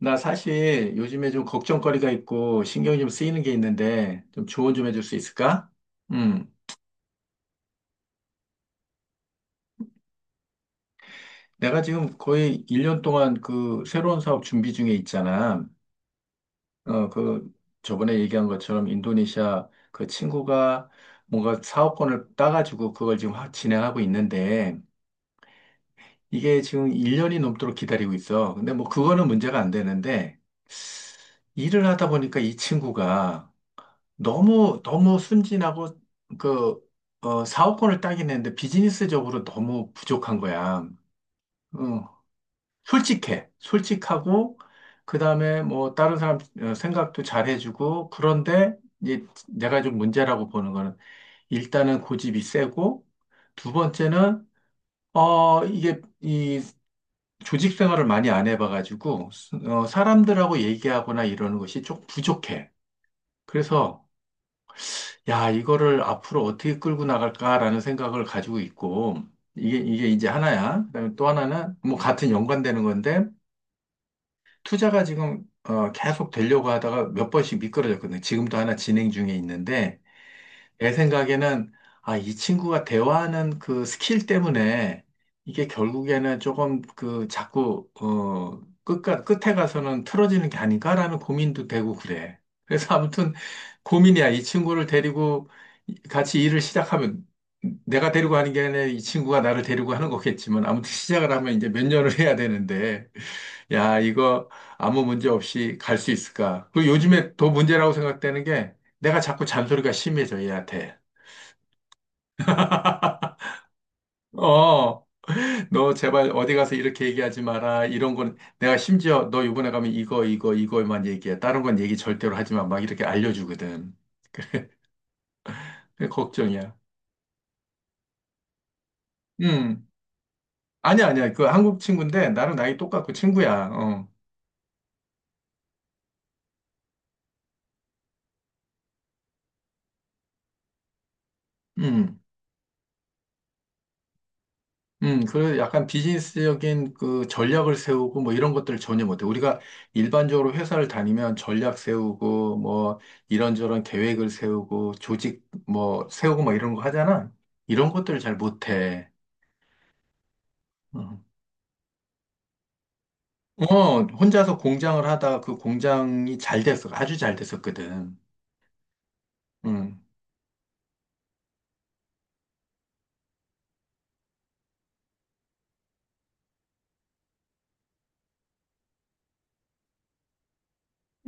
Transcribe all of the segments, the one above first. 나 사실 요즘에 좀 걱정거리가 있고 신경이 좀 쓰이는 게 있는데 좀 조언 좀 해줄 수 있을까? 음. 내가 지금 거의 1년 동안 그 새로운 사업 준비 중에 있잖아. 그 저번에 얘기한 것처럼 인도네시아 그 친구가 뭔가 사업권을 따가지고 그걸 지금 확 진행하고 있는데 이게 지금 1년이 넘도록 기다리고 있어. 근데 뭐 그거는 문제가 안 되는데 일을 하다 보니까 이 친구가 너무, 너무 순진하고, 그, 사업권을 따긴 했는데 비즈니스적으로 너무 부족한 거야. 어, 솔직해. 솔직하고, 그 다음에 뭐, 다른 사람 생각도 잘해주고, 그런데, 이제 내가 좀 문제라고 보는 거는, 일단은 고집이 세고, 두 번째는, 어, 이게, 이, 조직 생활을 많이 안 해봐가지고, 사람들하고 얘기하거나 이러는 것이 좀 부족해. 그래서, 야, 이거를 앞으로 어떻게 끌고 나갈까라는 생각을 가지고 있고, 이게 이제 하나야. 그다음에 또 하나는, 뭐, 같은 연관되는 건데, 투자가 지금, 계속 되려고 하다가 몇 번씩 미끄러졌거든요. 지금도 하나 진행 중에 있는데, 내 생각에는 아, 이 친구가 대화하는 그 스킬 때문에 이게 결국에는 조금 그 자꾸 어 끝가 끝에 가서는 틀어지는 게 아닌가라는 고민도 되고 그래. 그래서 아무튼 고민이야. 이 친구를 데리고 같이 일을 시작하면 내가 데리고 하는 게 아니라 이 친구가 나를 데리고 하는 거겠지만 아무튼 시작을 하면 이제 몇 년을 해야 되는데 야, 이거 아무 문제 없이 갈 수 있을까? 그리고 요즘에 더 문제라고 생각되는 게 내가 자꾸 잔소리가 심해져, 얘한테. 어, 너 제발 어디 가서 이렇게 얘기하지 마라. 이런 건 내가 심지어 너 이번에 가면 이거, 이거, 이거만 얘기해. 다른 건 얘기 절대로 하지 마. 막 이렇게 알려주거든. 그게 걱정이야. 음. 아니야, 아니야. 그 한국 친구인데 나랑 나이 똑같고 친구야. 어. 음. 음. 그 약간 비즈니스적인 그 전략을 세우고 뭐 이런 것들을 전혀 못해. 우리가 일반적으로 회사를 다니면 전략 세우고 뭐 이런저런 계획을 세우고 조직 뭐 세우고 뭐 이런 거 하잖아. 이런 것들을 잘 못해. 어, 어, 혼자서 공장을 하다가 그 공장이 잘 됐어. 아주 잘 됐었거든. 응.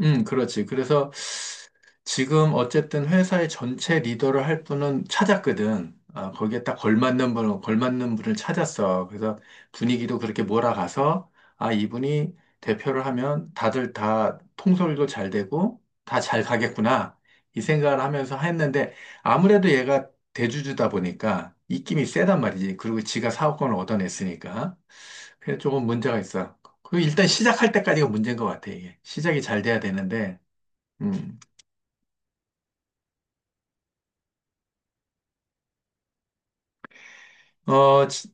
그렇지. 그래서 지금 어쨌든 회사의 전체 리더를 할 분은 찾았거든. 아, 거기에 딱 걸맞는 분을 찾았어. 그래서 분위기도 그렇게 몰아가서, 아, 이분이 대표를 하면 다들 다 통솔도 잘 되고, 다 잘 가겠구나. 이 생각을 하면서 했는데, 아무래도 얘가 대주주다 보니까 입김이 세단 말이지. 그리고 지가 사업권을 얻어냈으니까. 그래서 조금 문제가 있어. 그 일단 시작할 때까지가 문제인 것 같아, 이게. 시작이 잘 돼야 되는데, 음, 어, 지-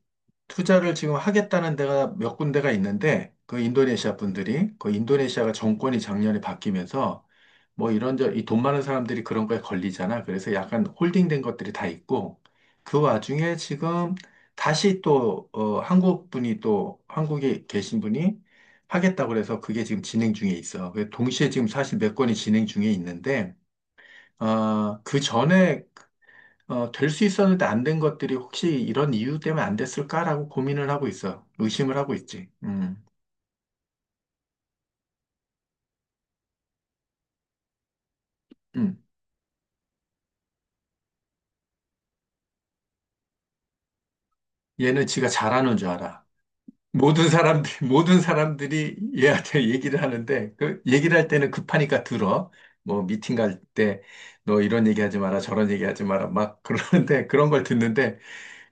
투자를 지금 하겠다는 데가 몇 군데가 있는데, 그 인도네시아 분들이, 그 인도네시아가 정권이 작년에 바뀌면서, 뭐 이런, 이 돈 많은 사람들이 그런 거에 걸리잖아. 그래서 약간 홀딩된 것들이 다 있고, 그 와중에 지금 다시 또, 한국 분이 또, 한국에 계신 분이 하겠다고 그래서 그게 지금 진행 중에 있어. 그 동시에 지금 사실 몇 건이 진행 중에 있는데, 그 전에 될 수 있었는데 안 된 것들이 혹시 이런 이유 때문에 안 됐을까라고 고민을 하고 있어. 의심을 하고 있지. 음. 얘는 지가 잘하는 줄 알아. 모든 사람들이, 모든 사람들이 얘한테 얘기를 하는데, 그 얘기를 할 때는 급하니까 들어. 뭐, 미팅 갈 때, 너 이런 얘기 하지 마라, 저런 얘기 하지 마라, 막 그러는데, 그런 걸 듣는데,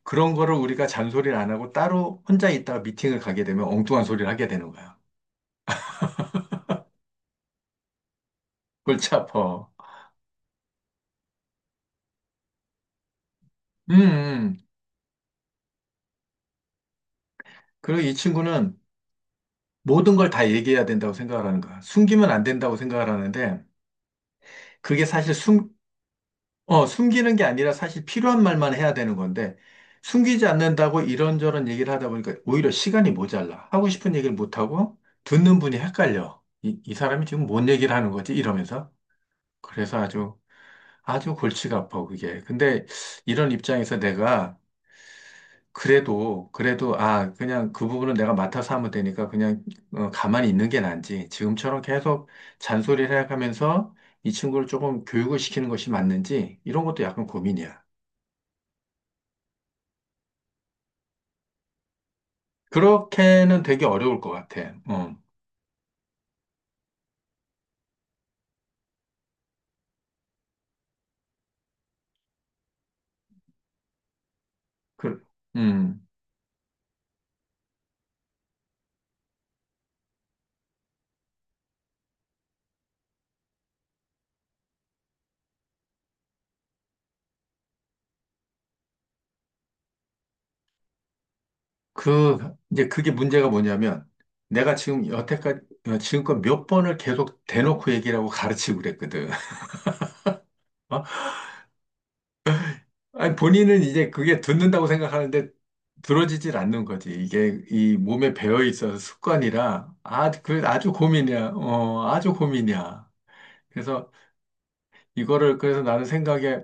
그런 거를 우리가 잔소리를 안 하고 따로 혼자 있다가 미팅을 가게 되면 엉뚱한 소리를 하게 되는 거야. 골치 아파. 음, 음. 그리고 이 친구는 모든 걸 다 얘기해야 된다고 생각을 하는 거야. 숨기면 안 된다고 생각을 하는데, 그게 사실 숨기는 게 아니라 사실 필요한 말만 해야 되는 건데, 숨기지 않는다고 이런저런 얘기를 하다 보니까 오히려 시간이 모자라. 하고 싶은 얘기를 못하고, 듣는 분이 헷갈려. 이 사람이 지금 뭔 얘기를 하는 거지? 이러면서. 그래서 아주, 아주 골치가 아파, 그게. 근데 이런 입장에서 내가 그래도, 그래도, 아, 그냥 그 부분은 내가 맡아서 하면 되니까 그냥 가만히 있는 게 나은지 지금처럼 계속 잔소리를 해가면서 이 친구를 조금 교육을 시키는 것이 맞는지 이런 것도 약간 고민이야. 그렇게는 되게 어려울 것 같아. 그, 음, 그, 이제 그게 문제가 뭐냐면 내가 지금 여태까지, 지금껏 몇 번을 계속 대놓고 얘기를 하고 가르치고 그랬거든. 아니, 본인은 이제 그게 듣는다고 생각하는데 들어지질 않는 거지. 이게 이 몸에 배어 있어서 습관이라 아, 아주 고민이야. 아주 고민이야. 그래서 이거를 그래서 나는 생각에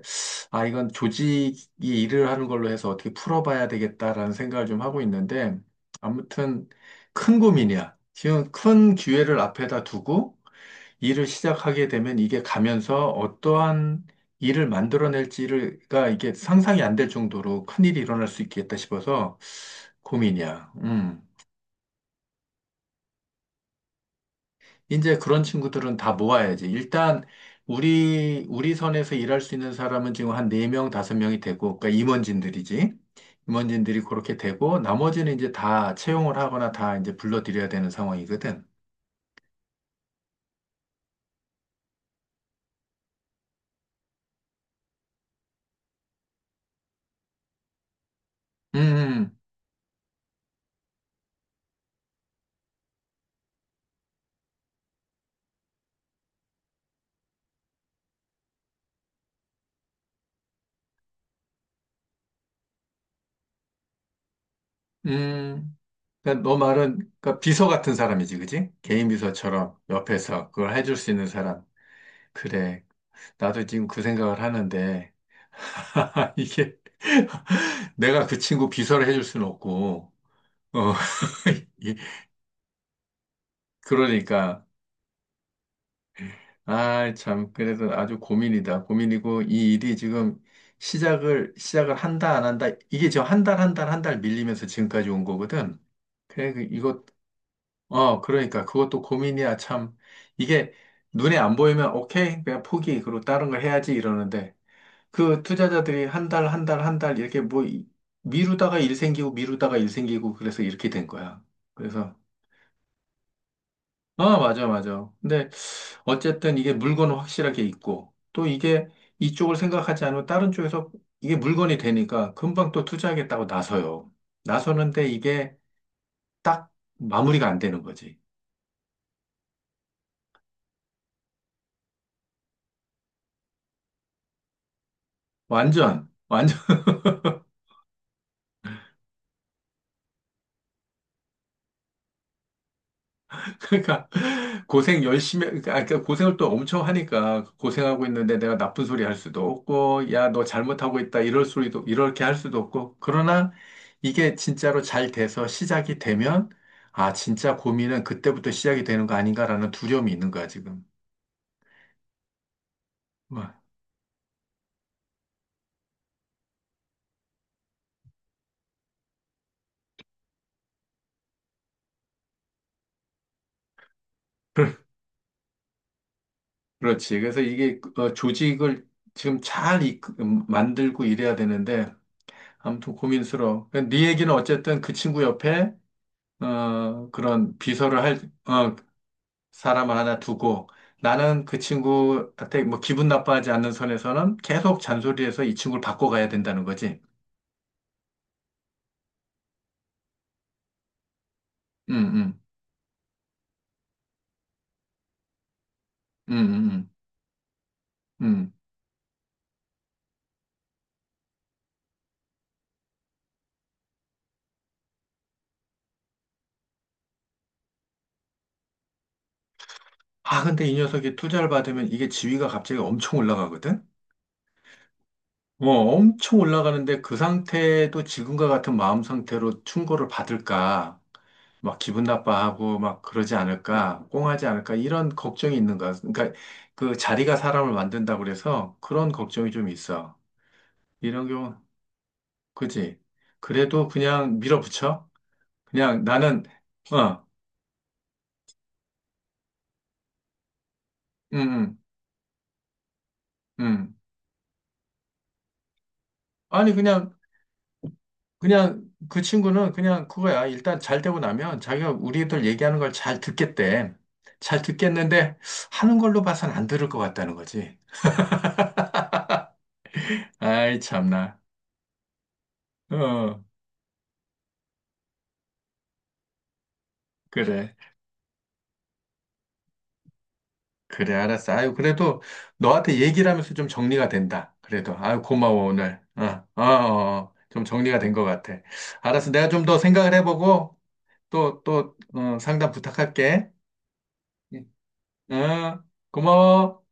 아, 이건 조직이 일을 하는 걸로 해서 어떻게 풀어봐야 되겠다라는 생각을 좀 하고 있는데 아무튼 큰 고민이야. 지금 큰 기회를 앞에다 두고 일을 시작하게 되면 이게 가면서 어떠한 일을 만들어낼지가 이게 상상이 안될 정도로 큰일이 일어날 수 있겠다 싶어서 고민이야. 음. 이제 그런 친구들은 다 모아야지. 일단 우리 선에서 일할 수 있는 사람은 지금 한 네 명 다섯 명이 되고 그러니까 임원진들이지. 임원진들이 그렇게 되고 나머지는 이제 다 채용을 하거나 다 이제 불러들여야 되는 상황이거든. 음. 음. 음. 그러니까 너 말은 그러니까 비서 같은 사람이지, 그지? 개인 비서처럼 옆에서 그걸 해줄 수 있는 사람. 그래. 나도 지금 그 생각을 하는데 이게 내가 그 친구 비서를 해줄 수는 없고. 어. 이- 그러니까 아, 참 그래도 아주 고민이다. 고민이고 이 일이 지금 시작을 한다 안 한다 이게 지금 한 달 한 달 한 달 밀리면서 지금까지 온 거거든. 그래 그- 이거 그러니까 그것도 고민이야, 참. 이게 눈에 안 보이면 오케이, 그냥 포기, 그리고 다른 걸 해야지 이러는데 그 투자자들이 한 달, 한 달, 한 달 이렇게 미루다가 일 생기고 미루다가 일 생기고 그래서 이렇게 된 거야. 그래서 아, 맞아, 맞아. 근데 어쨌든 이게 물건은 확실하게 있고 또 이게 이쪽을 생각하지 않으면 다른 쪽에서 이게 물건이 되니까 금방 또 투자하겠다고 나서요. 나서는데 이게 딱 마무리가 안 되는 거지. 완전 완전 그러니까 고생 열심히 그러니까, 아, 그러니까 그 고생을 또 엄청 하니까 고생하고 있는데 내가 나쁜 소리 할 수도 없고 야 너 잘못하고 있다 이럴 소리도 이렇게 할 수도 없고 그러나 이게 진짜로 잘 돼서 시작이 되면 아 진짜 고민은 그때부터 시작이 되는 거 아닌가라는 두려움이 있는 거야 지금. 와. 그렇지. 그래서 이게 조직을 지금 잘 만들고 이래야 되는데 아무튼 고민스러워. 그러니까 네 얘기는 어쨌든 그 친구 옆에 그런 비서를 할, 어, 사람 하나 두고 나는 그 친구한테 뭐 기분 나빠하지 않는 선에서는 계속 잔소리해서 이 친구를 바꿔가야 된다는 거지. 음, 음, 음, 음, 음. 음. 아, 근데 이 녀석이 투자를 받으면 이게 지위가 갑자기 엄청 올라가거든? 어, 엄청 올라가는데 그 상태도 지금과 같은 마음 상태로 충고를 받을까? 막 기분 나빠하고 막 그러지 않을까? 꽁하지 않을까? 이런 걱정이 있는가? 그러니까 그 자리가 사람을 만든다고 그래서 그런 걱정이 좀 있어. 이런 경우 그지? 그래도 그냥 밀어붙여? 그냥 나는, 어, 음, 음, 음. 아니, 그냥, 그 친구는 그냥 그거야. 일단 잘 되고 나면 자기가 우리들 얘기하는 걸 잘 듣겠대. 잘 듣겠는데 하는 걸로 봐선 안 들을 것 같다는 거지. 아이, 참나. 어, 그래. 그래, 알았어. 아유, 그래도 너한테 얘기를 하면서 좀 정리가 된다. 그래도. 아유, 고마워, 오늘. 어, 어, 어. 좀 정리가 된 것 같아. 알았어. 내가 좀 더 생각을 해보고, 또, 상담 부탁할게. 예. 어, 고마워.